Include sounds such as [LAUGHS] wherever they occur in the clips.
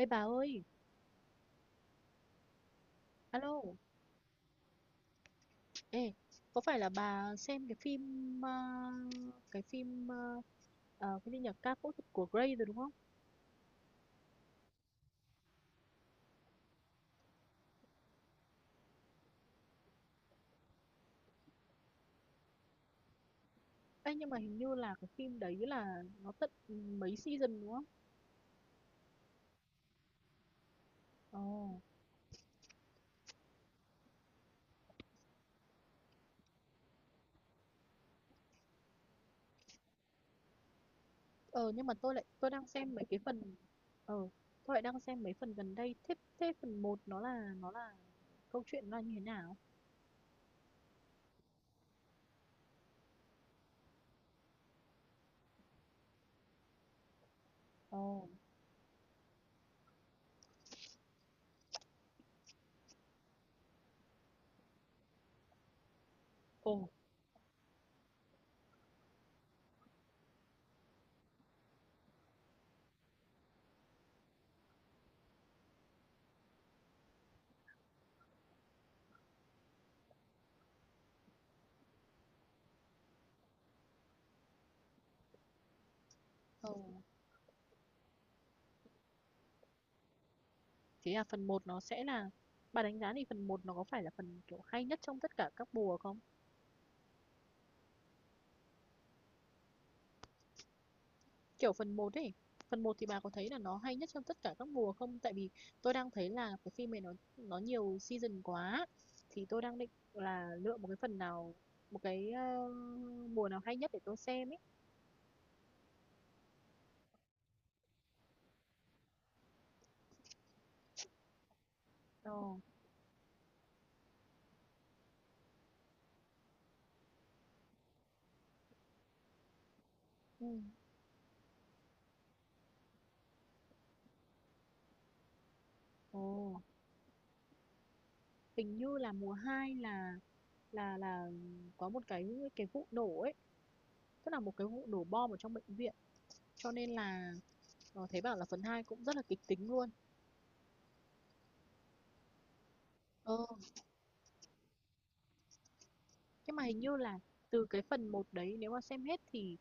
Ê bà ơi, alo, ê, có phải là bà xem cái phim cái phim cái gì nhỉ, ca phẫu thuật của Grey rồi đúng không? Ê, nhưng mà hình như là cái phim đấy là nó tận mấy season đúng không? Ồ. ờ nhưng mà tôi lại đang xem mấy cái phần. ờ tôi lại đang xem mấy phần gần đây. Thế thế phần một nó là câu chuyện nó là như thế nào? Ồ. Ồ. Ồ. Thế à, phần một nó sẽ là, bà đánh giá thì phần một nó có phải là phần kiểu hay nhất trong tất cả các mùa không? Kiểu phần một ấy, phần một thì bà có thấy là nó hay nhất trong tất cả các mùa không, tại vì tôi đang thấy là cái phim này nó nhiều season quá. Thì tôi đang định là lựa một cái phần nào, một cái mùa nào hay nhất để tôi xem ấy. Ồ. Ừ. Ồ. Hình như là mùa 2 là có một cái vụ nổ ấy, tức là một cái vụ nổ bom ở trong bệnh viện, cho nên là thấy bảo là phần 2 cũng rất là kịch tính luôn. ờ nhưng mà hình như là từ cái phần một đấy, nếu mà xem hết thì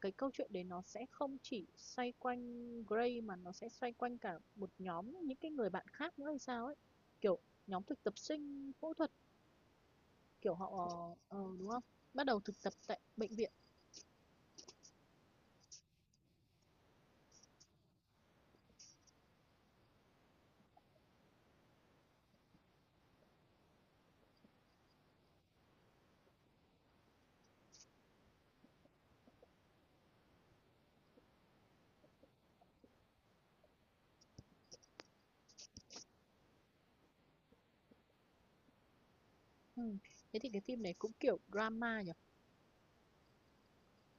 cái câu chuyện đấy nó sẽ không chỉ xoay quanh Gray mà nó sẽ xoay quanh cả một nhóm những cái người bạn khác nữa hay sao ấy, kiểu nhóm thực tập sinh phẫu thuật, kiểu họ đúng không, bắt đầu thực tập tại bệnh viện. Ừ. Thế thì cái phim này cũng kiểu drama nhỉ.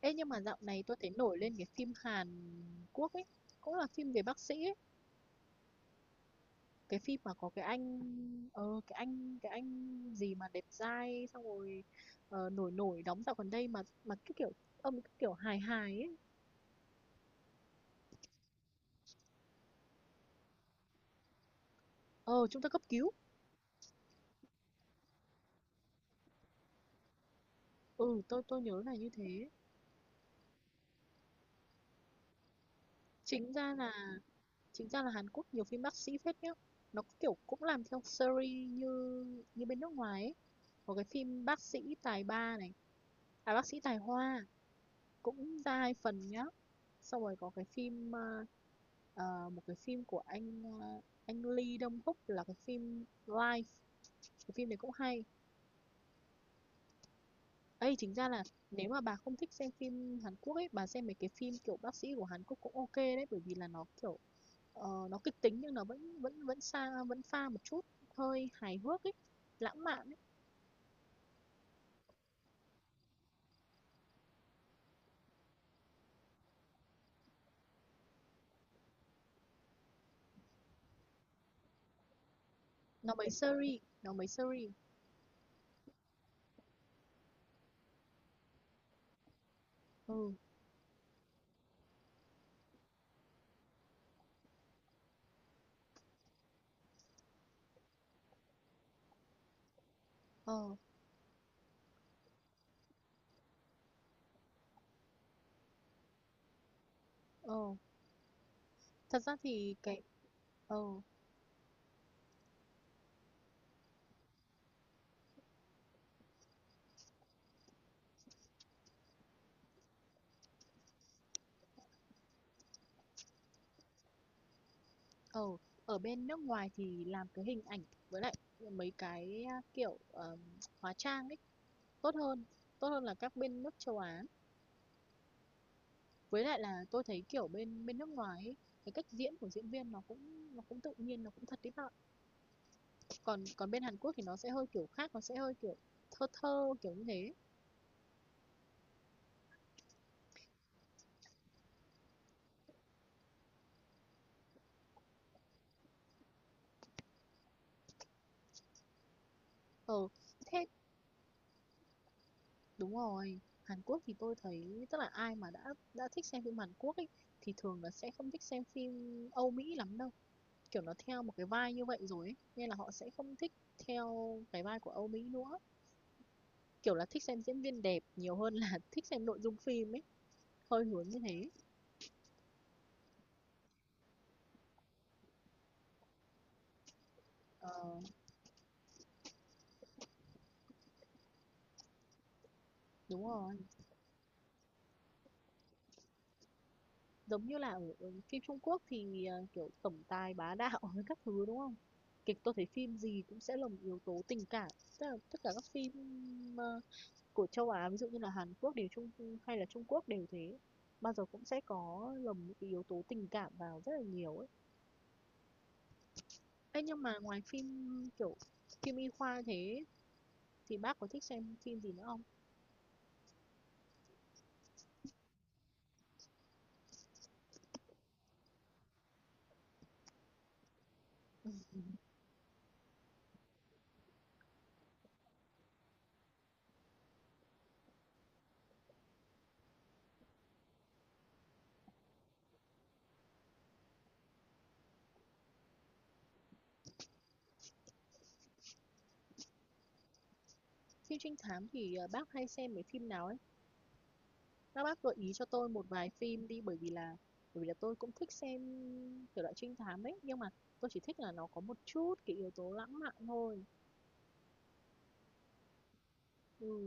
Ê, nhưng mà dạo này tôi thấy nổi lên cái phim Hàn Quốc ấy, cũng là phim về bác sĩ ấy, cái phim mà có cái anh cái anh gì mà đẹp trai, xong rồi nổi nổi đóng dạo gần đây, mà cái kiểu ông, cái kiểu hài hài ấy, ờ chúng ta cấp cứu. Ừ, tôi nhớ là như thế. Chính ra là chính ra là Hàn Quốc nhiều phim bác sĩ phết nhá, nó kiểu cũng làm theo series như như bên nước ngoài ấy. Có cái phim bác sĩ tài ba này, à bác sĩ tài hoa, cũng ra 2 phần nhá. Xong rồi có cái phim, một cái phim của anh, anh Lee Dong-wook, là cái phim Life, cái phim này cũng hay. Ê, chính ra là nếu mà bà không thích xem phim Hàn Quốc ấy, bà xem mấy cái phim kiểu bác sĩ của Hàn Quốc cũng ok đấy, bởi vì là nó kiểu, nó kịch tính nhưng nó vẫn vẫn vẫn xa vẫn pha một chút hơi hài hước ấy, lãng mạn ấy. Nó mấy series, nó mấy series. Ừ. ờ, ờ. Thật ra thì cái ờ. Ờ, ở bên nước ngoài thì làm cái hình ảnh, với lại mấy cái kiểu hóa trang ấy, tốt hơn, tốt hơn là các bên nước châu Á. Với lại là tôi thấy kiểu bên bên nước ngoài ấy, cái cách diễn của diễn viên nó cũng tự nhiên, nó cũng thật đấy bạn. Còn còn bên Hàn Quốc thì nó sẽ hơi kiểu khác, nó sẽ hơi kiểu thơ thơ kiểu như thế. Ờ, thế đúng rồi. Hàn Quốc thì tôi thấy tức là ai mà đã thích xem phim Hàn Quốc ấy thì thường là sẽ không thích xem phim Âu Mỹ lắm đâu. Kiểu nó theo một cái vai như vậy rồi ấy, nên là họ sẽ không thích theo cái vai của Âu Mỹ nữa. Kiểu là thích xem diễn viên đẹp nhiều hơn là [LAUGHS] thích xem nội dung phim ấy. Hơi hướng như thế. Ờ, đúng rồi. Giống như là ở phim Trung Quốc thì kiểu tổng tài bá đạo [LAUGHS] với các thứ đúng không? Kịch tôi thấy phim gì cũng sẽ lồng yếu tố tình cảm. Tức là tất cả các phim ờ, của châu Á, ví dụ như là Hàn Quốc đều Trung hay là Trung Quốc đều thế. Bao giờ cũng sẽ có lồng những cái yếu tố tình cảm vào rất là nhiều ấy. Ê, nhưng mà ngoài phim kiểu phim y khoa thế, thì bác có thích xem phim gì nữa không? Phim trinh thám thì bác hay xem mấy phim nào ấy? Các bác gợi ý cho tôi một vài phim đi, bởi vì là tôi cũng thích xem kiểu loại trinh thám ấy, nhưng mà tôi chỉ thích là nó có một chút cái yếu tố lãng mạn thôi. Ừ,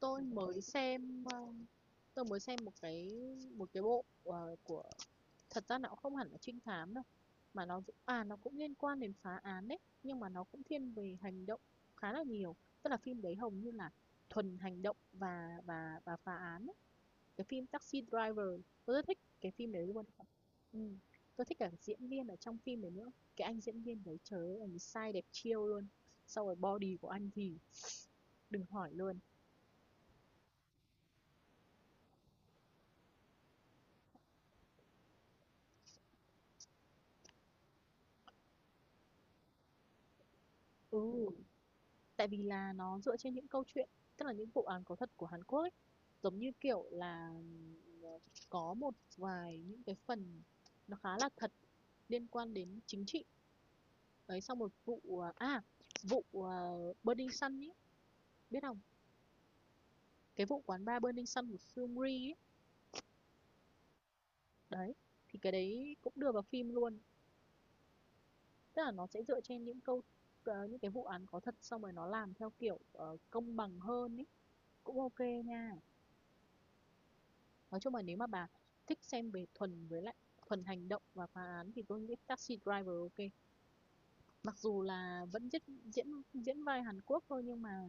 tôi mới xem một cái bộ của, thật ra nó cũng không hẳn là trinh thám đâu, mà nó nó cũng liên quan đến phá án đấy, nhưng mà nó cũng thiên về hành động khá là nhiều, tức là phim đấy hầu như là thuần hành động và phá án ấy. Cái phim Taxi Driver tôi rất thích cái phim đấy luôn. Ừ. Tôi thích cả diễn viên ở trong phim đấy nữa, cái anh diễn viên đấy trời ơi anh sai đẹp chiêu luôn, sau rồi body của anh thì đừng hỏi luôn. Ừ. Tại vì là nó dựa trên những câu chuyện, tức là những vụ án có thật của Hàn Quốc ấy. Giống như, kiểu là, ờ, có một vài những cái phần nó khá là thật, liên quan đến chính trị. Đấy, xong một vụ, vụ Burning Sun ấy, biết không? Cái vụ quán bar Burning Sun của Seungri ấy. Đấy, thì cái đấy cũng đưa vào phim luôn. Tức là nó sẽ dựa trên những câu những cái vụ án có thật, xong rồi nó làm theo kiểu công bằng hơn ấy, cũng ok nha. Nói chung là nếu mà bà thích xem về thuần, với lại thuần hành động và phá án thì tôi nghĩ Taxi Driver ok. Mặc dù là vẫn diễn diễn diễn vai Hàn Quốc thôi, nhưng mà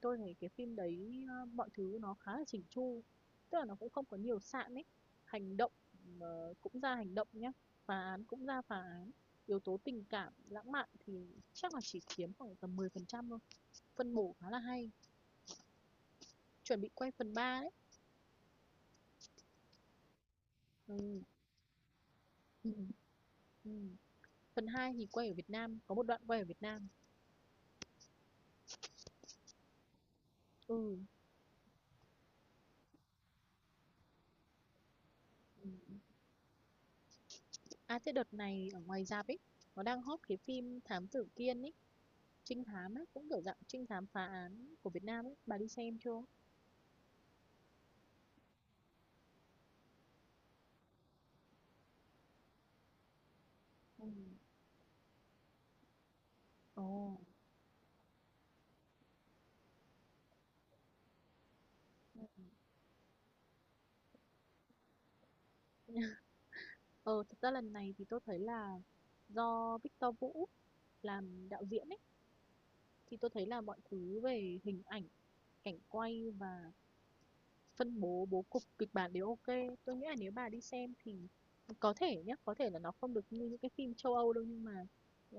tôi thấy cái phim đấy mọi thứ nó khá là chỉnh chu. Tức là nó cũng không có nhiều sạn ấy. Hành động cũng ra hành động nhá, phá án cũng ra phá án. Yếu tố tình cảm, lãng mạn thì chắc là chỉ chiếm khoảng tầm 10% thôi. Phân bổ khá là hay. Chuẩn bị quay phần 3 đấy. Ừ. Ừ. Ừ. Phần 2 thì quay ở Việt Nam, có một đoạn quay ở Việt Nam. Ừ. Ừm. À, thế đợt này ở ngoài rạp ấy, nó đang hot cái phim Thám Tử Kiên ấy, trinh thám ấy, cũng kiểu dạng trinh thám phá án của Việt Nam ấy, bà đi xem chưa? Ừ. Ồ. Ờ, thật ra lần này thì tôi thấy là do Victor Vũ làm đạo diễn ấy, thì tôi thấy là mọi thứ về hình ảnh, cảnh quay và phân bố bố cục kịch bản đều ok. Tôi nghĩ là nếu bà đi xem thì có thể nhé, có thể là nó không được như những cái phim châu Âu đâu, nhưng mà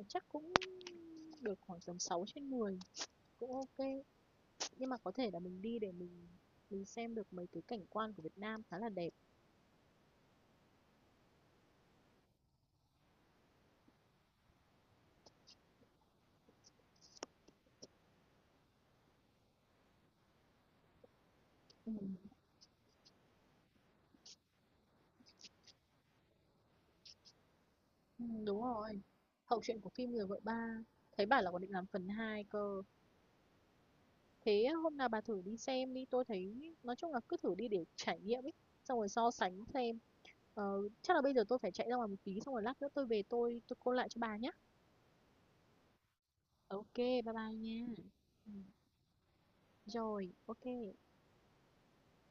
chắc cũng được khoảng tầm 6 trên mười cũng ok, nhưng mà có thể là mình đi để mình xem được mấy cái cảnh quan của Việt Nam khá là đẹp. Ừ. Ừ, đúng rồi. Hậu truyện của phim Người vợ ba. Thấy bảo là còn định làm phần 2 cơ. Thế hôm nào bà thử đi xem đi. Tôi thấy nói chung là cứ thử đi để trải nghiệm ấy. Xong rồi so sánh xem. Ờ, chắc là bây giờ tôi phải chạy ra ngoài một tí. Xong rồi lát nữa tôi về tôi call lại cho bà nhé. Ok bye bye nha. Ừ. Rồi, ok.